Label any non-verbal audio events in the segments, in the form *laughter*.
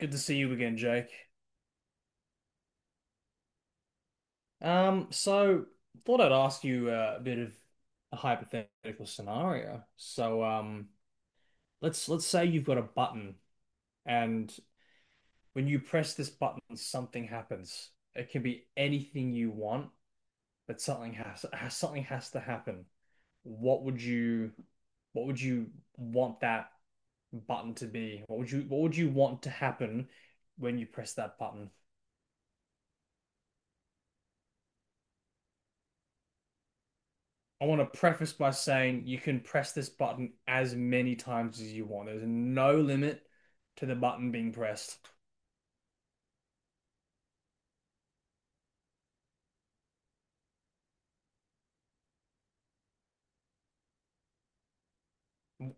Good to see you again, Jake. So thought I'd ask you a bit of a hypothetical scenario. Let's say you've got a button, and when you press this button, something happens. It can be anything you want, but something has, something has to happen. What would you what would you want that button to be? What would you want to happen when you press that button? I want to preface by saying you can press this button as many times as you want. There's no limit to the button being pressed.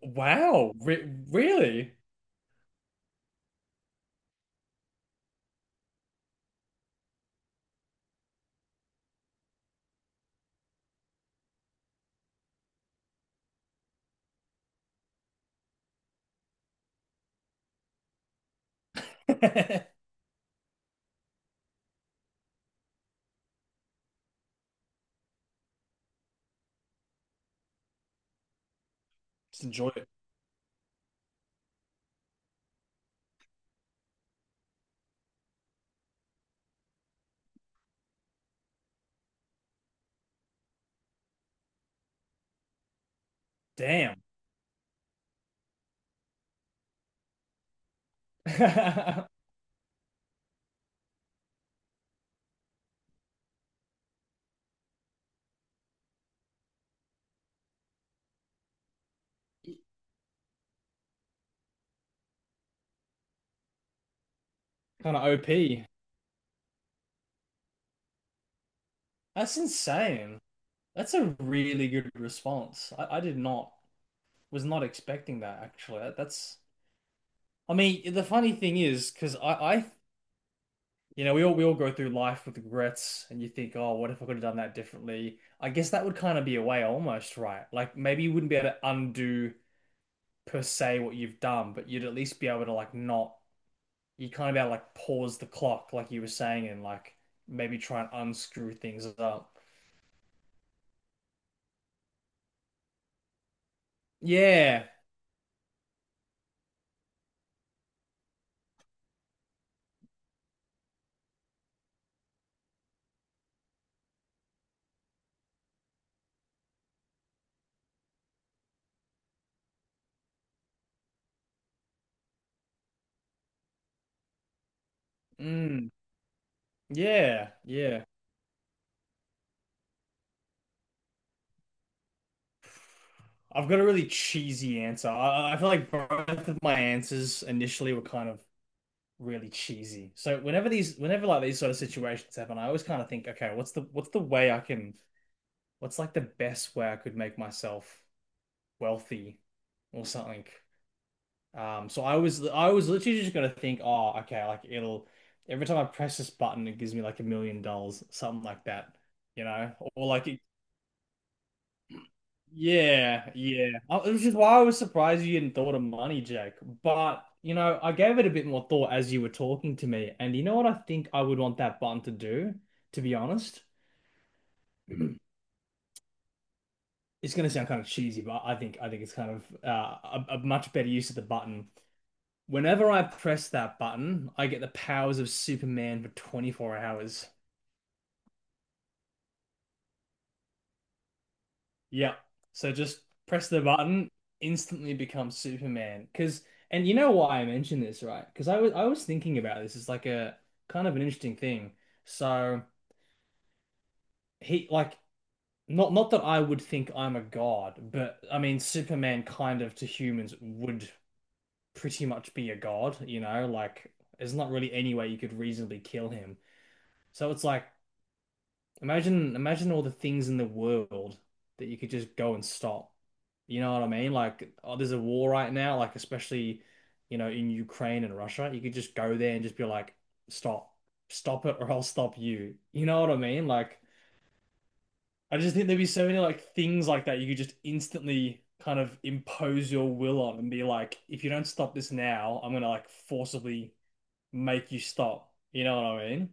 Wow, Re really? *laughs* Just enjoy it. Damn. *laughs* Kind of OP. That's insane. That's a really good response. I did not, was not expecting that actually. I mean, the funny thing is, because I we all go through life with regrets, and you think, oh, what if I could have done that differently? I guess that would kind of be a way, almost, right? Like maybe you wouldn't be able to undo per se what you've done, but you'd at least be able to like not, you kind of be able to like pause the clock, like you were saying, and like maybe try and unscrew things up. Yeah, mm. Yeah, yeah. I've got a really cheesy answer. I feel like both of my answers initially were kind of really cheesy. So whenever like these sort of situations happen, I always kind of think, okay, what's the way I can what's like the best way I could make myself wealthy or something. I was literally just gonna think, oh, okay, like it'll every time I press this button, it gives me like $1 million, something like that, you know, or like it. Yeah, yeah. It was just why I was surprised you hadn't thought of money, Jake. But, you know, I gave it a bit more thought as you were talking to me. And you know what I think I would want that button to do, to be honest? *clears throat* It's going to sound kind of cheesy, but I think it's kind of a much better use of the button. Whenever I press that button, I get the powers of Superman for 24 hours. Yeah. So just press the button, instantly become Superman. Cause and you know why I mentioned this, right? Because I was thinking about this. It's like a kind of an interesting thing. So he like not that I would think I'm a god, but I mean Superman kind of to humans would pretty much be a god, you know, like there's not really any way you could reasonably kill him. So it's like. Imagine, imagine all the things in the world that you could just go and stop. You know what I mean? Like, oh, there's a war right now, like especially, you know, in Ukraine and Russia. You could just go there and just be like, stop, stop it, or I'll stop you. You know what I mean? Like, I just think there'd be so many like things like that you could just instantly kind of impose your will on and be like, if you don't stop this now, I'm gonna like forcibly make you stop. You know what I mean?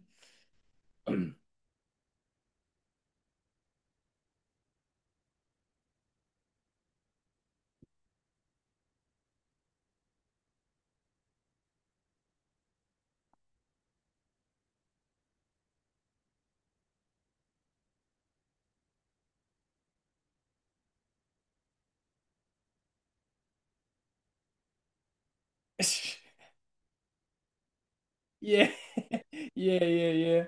*laughs* Yeah. *laughs* Yeah, yeah, yeah.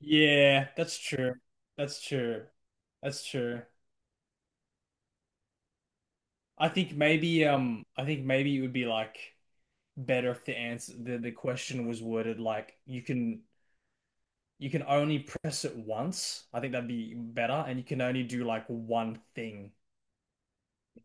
Yeah, that's true. That's true. That's true. I think maybe it would be like better if the question was worded like you can only press it once. I think that'd be better and you can only do like one thing,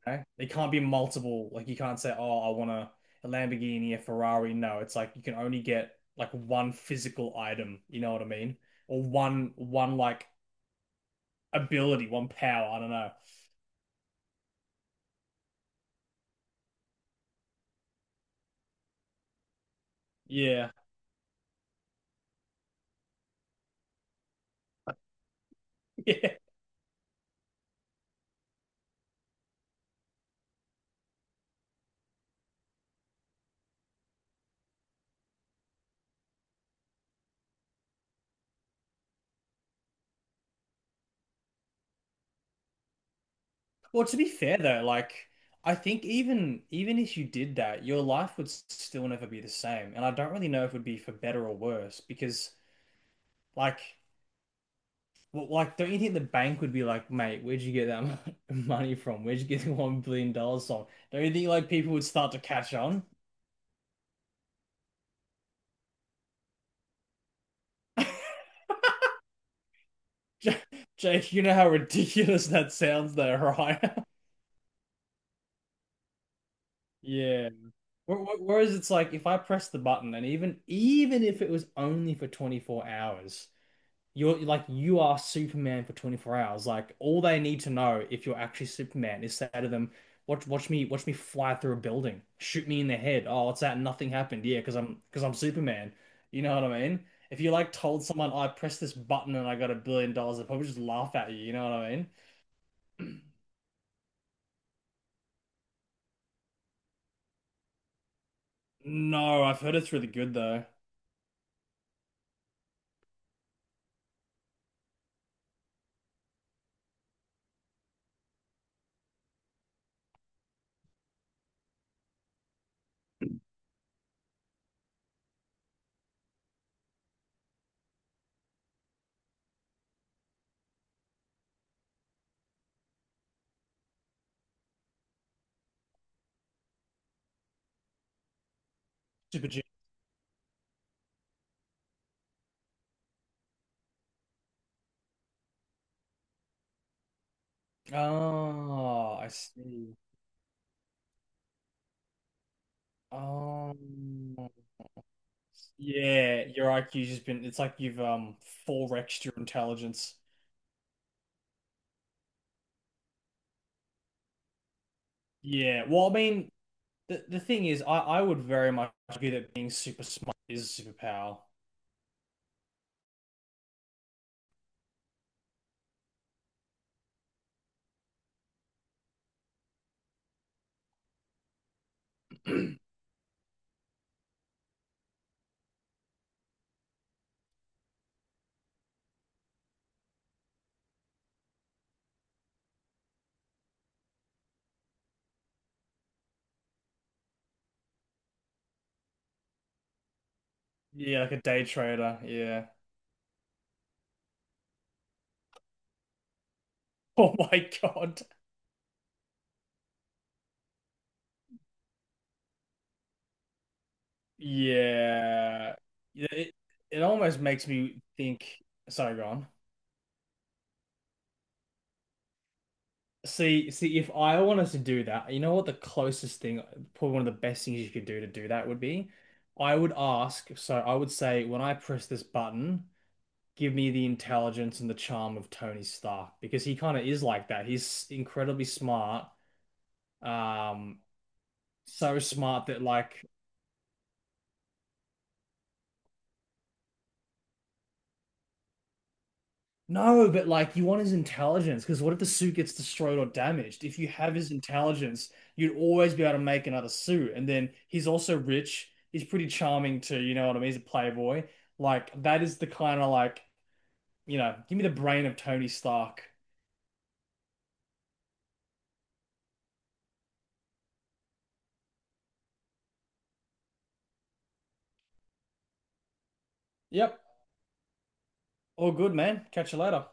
okay? It can't be multiple. Like you can't say, "Oh, I want a Lamborghini, a Ferrari." No, it's like you can only get like one physical item, you know what I mean? Or one like ability, one power, I don't know. Yeah. *laughs* Well, to be fair though, like I think even if you did that, your life would still never be the same. And I don't really know if it would be for better or worse because like, well, like don't you think the bank would be like, mate, where'd you get *laughs* money from? Where'd you get the $1 billion from? Don't you think like people would start to catch on? *laughs* J- Jake, you know how ridiculous that sounds though, right? *laughs* Yeah. Whereas it's like if I press the button and even if it was only for 24 hours. You're like you are Superman for 24 hours. Like all they need to know if you're actually Superman is say to them, watch me fly through a building. Shoot me in the head. Oh, what's that? Nothing happened. Yeah, because I'm Superman. You know what I mean? If you like told someone, I pressed this button and I got a billion dollars, they'd probably just laugh at you, you know what I mean? No, I've heard it's really good though. Super G. Oh, I see. Um, yeah, your IQ's just been, it's like you've 4x'd your intelligence. Yeah, well, I mean, the thing is, I would very much argue that being super smart is a superpower. *clears throat* Yeah, like a day trader. Yeah. *laughs* Oh my God. Yeah. Yeah, It it almost makes me think. Sorry, go on. See, if I wanted to do that, you know what the closest thing, probably one of the best things you could do to do that would be? I would ask, so I would say, when I press this button, give me the intelligence and the charm of Tony Stark because he kind of is like that. He's incredibly smart. Um, so smart that like no, but like you want his intelligence because what if the suit gets destroyed or damaged? If you have his intelligence, you'd always be able to make another suit. And then he's also rich. He's pretty charming too, you know what I mean? He's a playboy. Like that is the kind of like, you know, give me the brain of Tony Stark. Yep, all good, man. Catch you later.